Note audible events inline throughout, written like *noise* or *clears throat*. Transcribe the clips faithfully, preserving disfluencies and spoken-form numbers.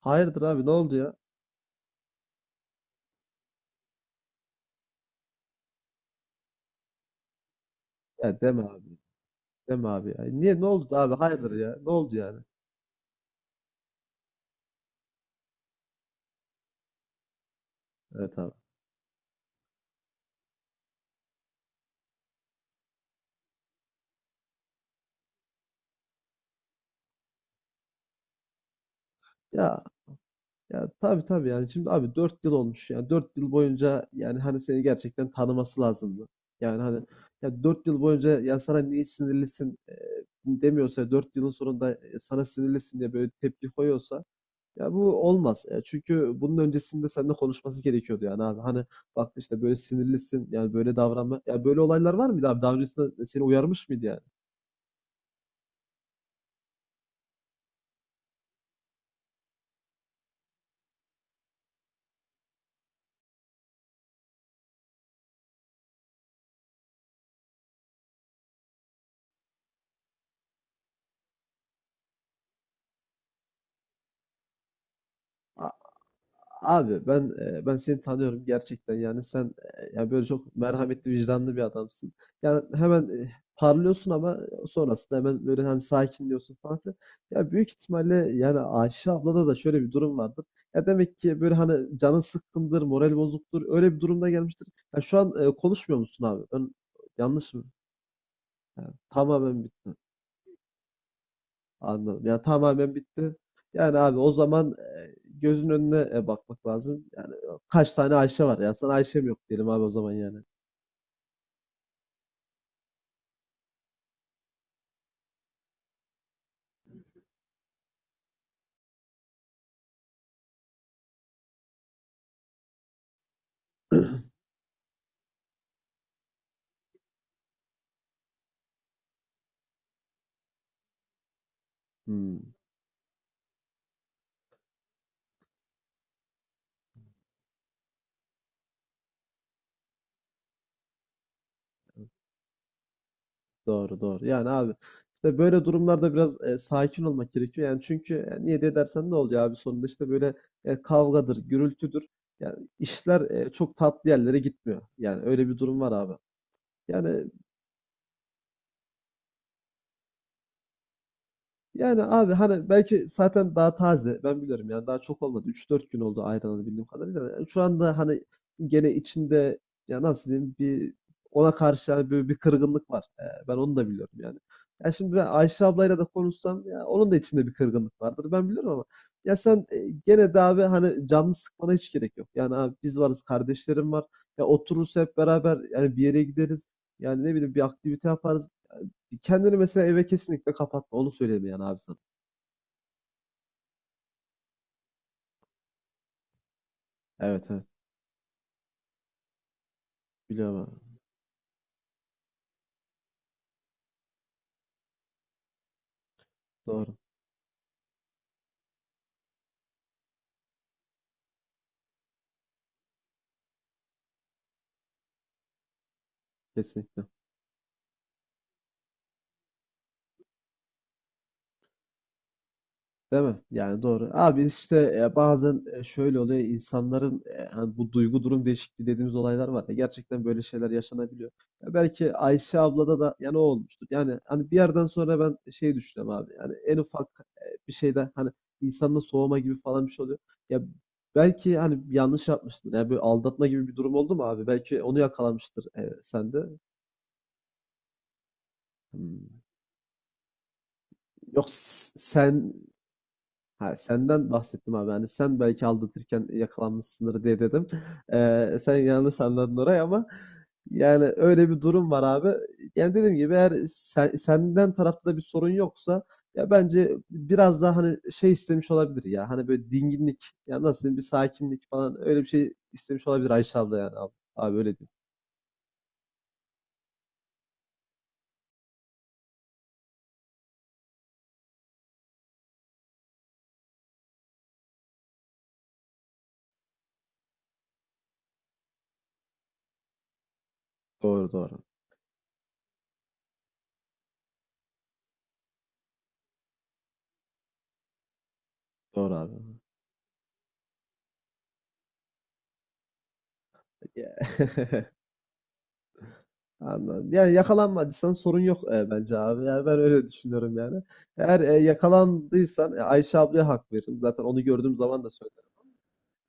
Hayırdır abi ne oldu ya? Ya deme abi. Deme abi ya. Niye ne oldu da abi? Hayırdır ya. Ne oldu yani? Evet abi. Ya ya tabii tabii yani şimdi abi dört yıl olmuş ya. Dört yıl boyunca yani hani seni gerçekten tanıması lazımdı. Yani hani ya dört yıl boyunca ya sana niye sinirlisin e, demiyorsa dört yılın sonunda e, sana sinirlisin diye böyle tepki koyuyorsa ya bu olmaz. E, çünkü bunun öncesinde seninle konuşması gerekiyordu yani abi. Hani bak işte böyle sinirlisin yani böyle davranma. Ya böyle olaylar var mıydı abi? Daha öncesinde seni uyarmış mıydı yani? A- Abi ben e, ben seni tanıyorum gerçekten yani sen e, ya böyle çok merhametli vicdanlı bir adamsın. Yani hemen e, parlıyorsun ama sonrasında hemen böyle hani sakinliyorsun falan filan. Ya büyük ihtimalle yani Ayşe ablada da şöyle bir durum vardır. Ya demek ki böyle hani canın sıkkındır, moral bozuktur öyle bir durumda gelmiştir. Ya şu an e, konuşmuyor musun abi? Ben yanlış mı? Yani tamamen bitti. Anladım. Ya tamamen bitti. Yani abi o zaman e, gözün önüne e, bakmak lazım. Yani e, kaç tane Ayşe var ya? Sana Ayşe'm yok diyelim abi o zaman yani. *clears throat* Hmm, doğru doğru. Yani abi işte böyle durumlarda biraz e, sakin olmak gerekiyor. Yani çünkü e, niye de dersen ne olacak abi sonunda işte böyle e, kavgadır, gürültüdür. Yani işler e, çok tatlı yerlere gitmiyor. Yani öyle bir durum var abi. Yani Yani abi hani belki zaten daha taze. Ben biliyorum yani daha çok olmadı. Üç dört gün oldu ayrılalı bildiğim kadarıyla. Yani şu anda hani gene içinde ya nasıl diyeyim bir ona karşı yani böyle bir kırgınlık var. Ee, ben onu da biliyorum yani. Ya şimdi ben Ayşe ablayla da konuşsam ya onun da içinde bir kırgınlık vardır. Ben biliyorum ama ya sen e, gene de abi hani canını sıkmana hiç gerek yok. Yani abi biz varız, kardeşlerim var. Ya otururuz hep beraber yani bir yere gideriz. Yani ne bileyim bir aktivite yaparız. Kendini mesela eve kesinlikle kapatma. Onu söyleyeyim yani abi sana. Evet evet. Biliyorum abi. Doğru. Kesinlikle. Değil mi? Yani doğru. Abi işte e, bazen e, şöyle oluyor, insanların e, hani bu duygu durum değişikliği dediğimiz olaylar var ya. Gerçekten böyle şeyler yaşanabiliyor. Ya belki Ayşe ablada da yani o olmuştur. Yani hani bir yerden sonra ben şey düşünüyorum abi. Yani en ufak e, bir şeyde hani insanla soğuma gibi falan bir şey oluyor. Ya belki hani yanlış yapmıştır. Yani böyle aldatma gibi bir durum oldu mu abi? Belki onu yakalamıştır e, sende. Hmm. Yok s- sen ha, senden bahsettim abi. Hani sen belki aldatırken yakalanmışsındır diye dedim. Ee, sen yanlış anladın orayı ama yani öyle bir durum var abi. Yani dediğim gibi eğer sen, senden tarafta da bir sorun yoksa ya bence biraz daha hani şey istemiş olabilir ya. Hani böyle dinginlik ya nasıl diyeyim bir sakinlik falan öyle bir şey istemiş olabilir Ayşe abla yani abi. Abi öyle diyeyim. Doğru doğru. Doğru abi. Ya. *laughs* Anladım. Yani yakalanmadıysan sorun yok, eee, bence abi. Yani, ben öyle düşünüyorum yani. Eğer, eee, yakalandıysan, eee, Ayşe ablaya hak veririm. Zaten onu gördüğüm zaman da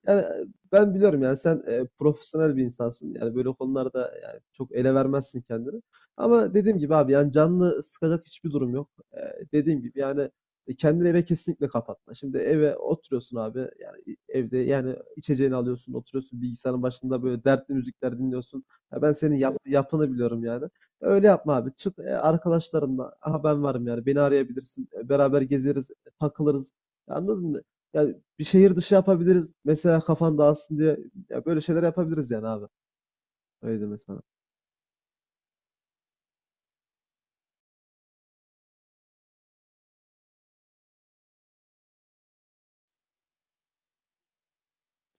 yani, e, ben biliyorum yani sen, eee, profesyonel bir insansın. Yani böyle konularda yani çok ele vermezsin kendini. Ama dediğim gibi abi yani canını sıkacak hiçbir durum yok. Eee, dediğim gibi yani, e, kendini eve kesinlikle kapatma. Şimdi eve oturuyorsun abi, yani evde yani içeceğini alıyorsun, oturuyorsun bilgisayarın başında böyle dertli müzikler dinliyorsun. Ya ben senin yap yapını biliyorum yani. E, Öyle yapma abi. Çık, eee, arkadaşlarınla, aha ben varım yani beni arayabilirsin, eee, beraber gezeriz, e, takılırız. Anladın mı? Ya bir şehir dışı yapabiliriz. Mesela kafan dağılsın diye ya böyle şeyler yapabiliriz yani abi. Öyle deme mesela.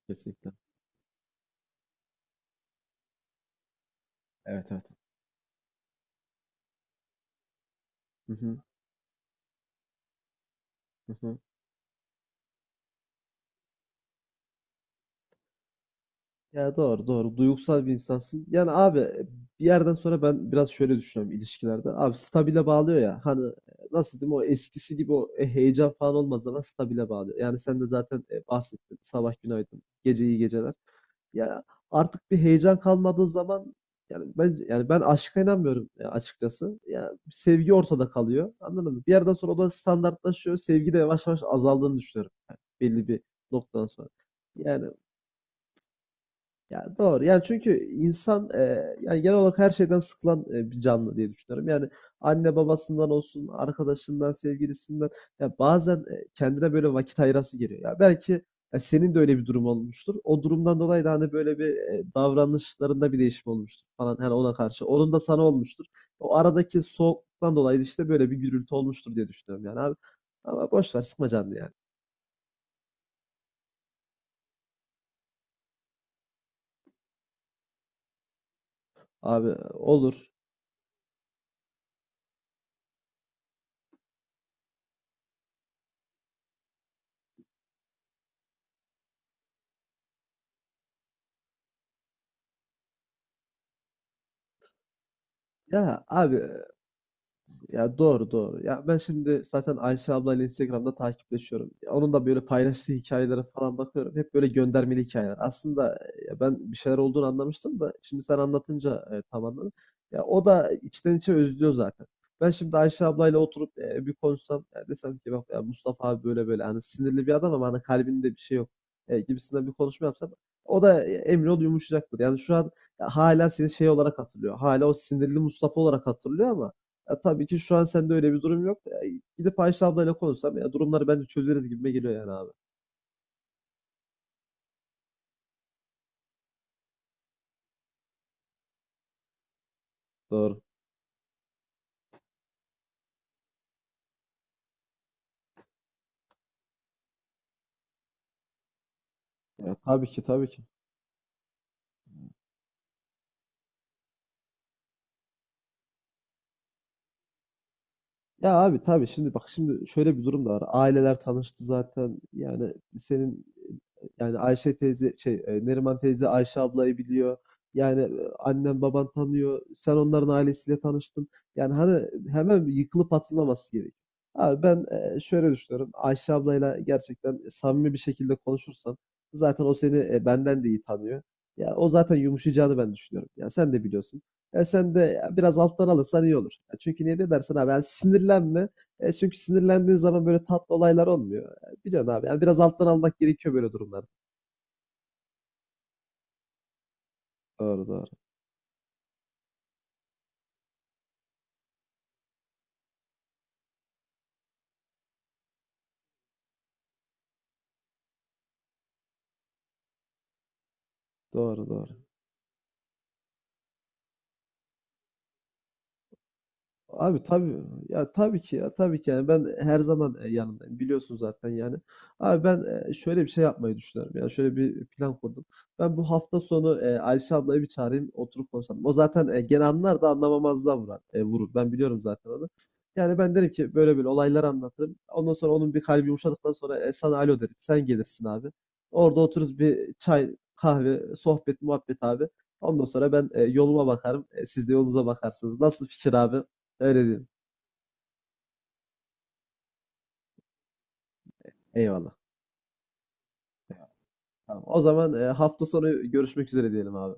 Kesinlikle. Evet evet. Hı hı, hı hı. Ya doğru doğru. Duygusal bir insansın. Yani abi e, bir yerden sonra ben biraz şöyle düşünüyorum ilişkilerde. Abi stabile bağlıyor ya. Hani e, nasıl diyeyim o eskisi gibi o e, heyecan falan olmaz ama stabile bağlıyor. Yani sen de zaten e, bahsettin. Sabah günaydın. Gece iyi geceler. Ya, artık bir heyecan kalmadığı zaman yani ben yani ben aşka inanmıyorum ya açıkçası. Ya sevgi ortada kalıyor. Anladın mı? Bir yerden sonra o da standartlaşıyor. Sevgi de yavaş yavaş azaldığını düşünüyorum. Yani belli bir noktadan sonra. Yani ya doğru. Yani çünkü insan eee, yani genel olarak her şeyden sıkılan eee, bir canlı diye düşünüyorum. Yani anne babasından olsun, arkadaşından, sevgilisinden ya bazen eee, kendine böyle vakit ayırası geliyor. Ya belki ya senin de öyle bir durum olmuştur. O durumdan dolayı da hani böyle bir eee, davranışlarında bir değişim olmuştur falan hani ona karşı. Onun da sana olmuştur. O aradaki soğuktan dolayı da işte böyle bir gürültü olmuştur diye düşünüyorum yani abi. Ama boş ver sıkma canını yani. Abi olur. Ya abi. Ya doğru doğru. Ya ben şimdi zaten Ayşe ablayla Instagram'da takipleşiyorum. Ya onun da böyle paylaştığı hikayelere falan bakıyorum. Hep böyle göndermeli hikayeler. Aslında e, ya ben bir şeyler olduğunu anlamıştım da şimdi sen anlatınca e, tam anladım. Ya o da içten içe özlüyor zaten. Ben şimdi Ayşe ablayla oturup e, bir konuşsam ya desem ki bak ya Mustafa abi böyle böyle hani sinirli bir adam ama hani kalbinde bir şey yok e, gibisinden bir konuşma yapsam o da e, emin ol yumuşacaktır. Yani şu an ya hala seni şey olarak hatırlıyor. Hala o sinirli Mustafa olarak hatırlıyor ama ya, tabii ki şu an sende öyle bir durum yok. Ya, gidip Ayşe ablayla konuşsam ya durumları bence çözeriz gibime geliyor yani abi. Doğru. Ya, tabii ki tabii ki. Ya abi tabii şimdi bak şimdi şöyle bir durum da var. Aileler tanıştı zaten. Yani senin e, yani Ayşe teyze şey e, Neriman teyze Ayşe ablayı biliyor. Yani e, annen baban tanıyor. Sen onların ailesiyle tanıştın. Yani hani hemen yıkılıp atılmaması gerek. Abi ben e, şöyle düşünüyorum. Ayşe ablayla gerçekten samimi bir şekilde konuşursam zaten o seni e, benden de iyi tanıyor. Ya o zaten yumuşayacağını ben düşünüyorum. Ya sen de biliyorsun. E, sen de biraz alttan alırsan iyi olur. E, çünkü niye de dersen abi yani sinirlenme. E, çünkü sinirlendiğin zaman böyle tatlı olaylar olmuyor. E, biliyorsun abi yani biraz alttan almak gerekiyor böyle durumlarda. Doğru doğru. Doğru doğru. Abi tabii ya tabii ki ya tabii ki yani ben her zaman e, yanındayım biliyorsun zaten yani. Abi ben e, şöyle bir şey yapmayı düşünüyorum yani şöyle bir plan kurdum. Ben bu hafta sonu e, Ayşe ablayı bir çağırayım oturup konuşalım. O zaten e, gene anlar da anlamamazlığa vurar, e, vurur ben biliyorum zaten onu. Yani ben derim ki böyle böyle olayları anlatırım. Ondan sonra onun bir kalbi yumuşadıktan sonra e, sana alo derim sen gelirsin abi. Orada otururuz bir çay kahve sohbet muhabbet abi. Ondan sonra ben e, yoluma bakarım. E, siz de yolunuza bakarsınız. Nasıl fikir abi? Öyle diyelim. Eyvallah. Eyvallah. Tamam. O zaman e, hafta sonu görüşmek üzere diyelim abi.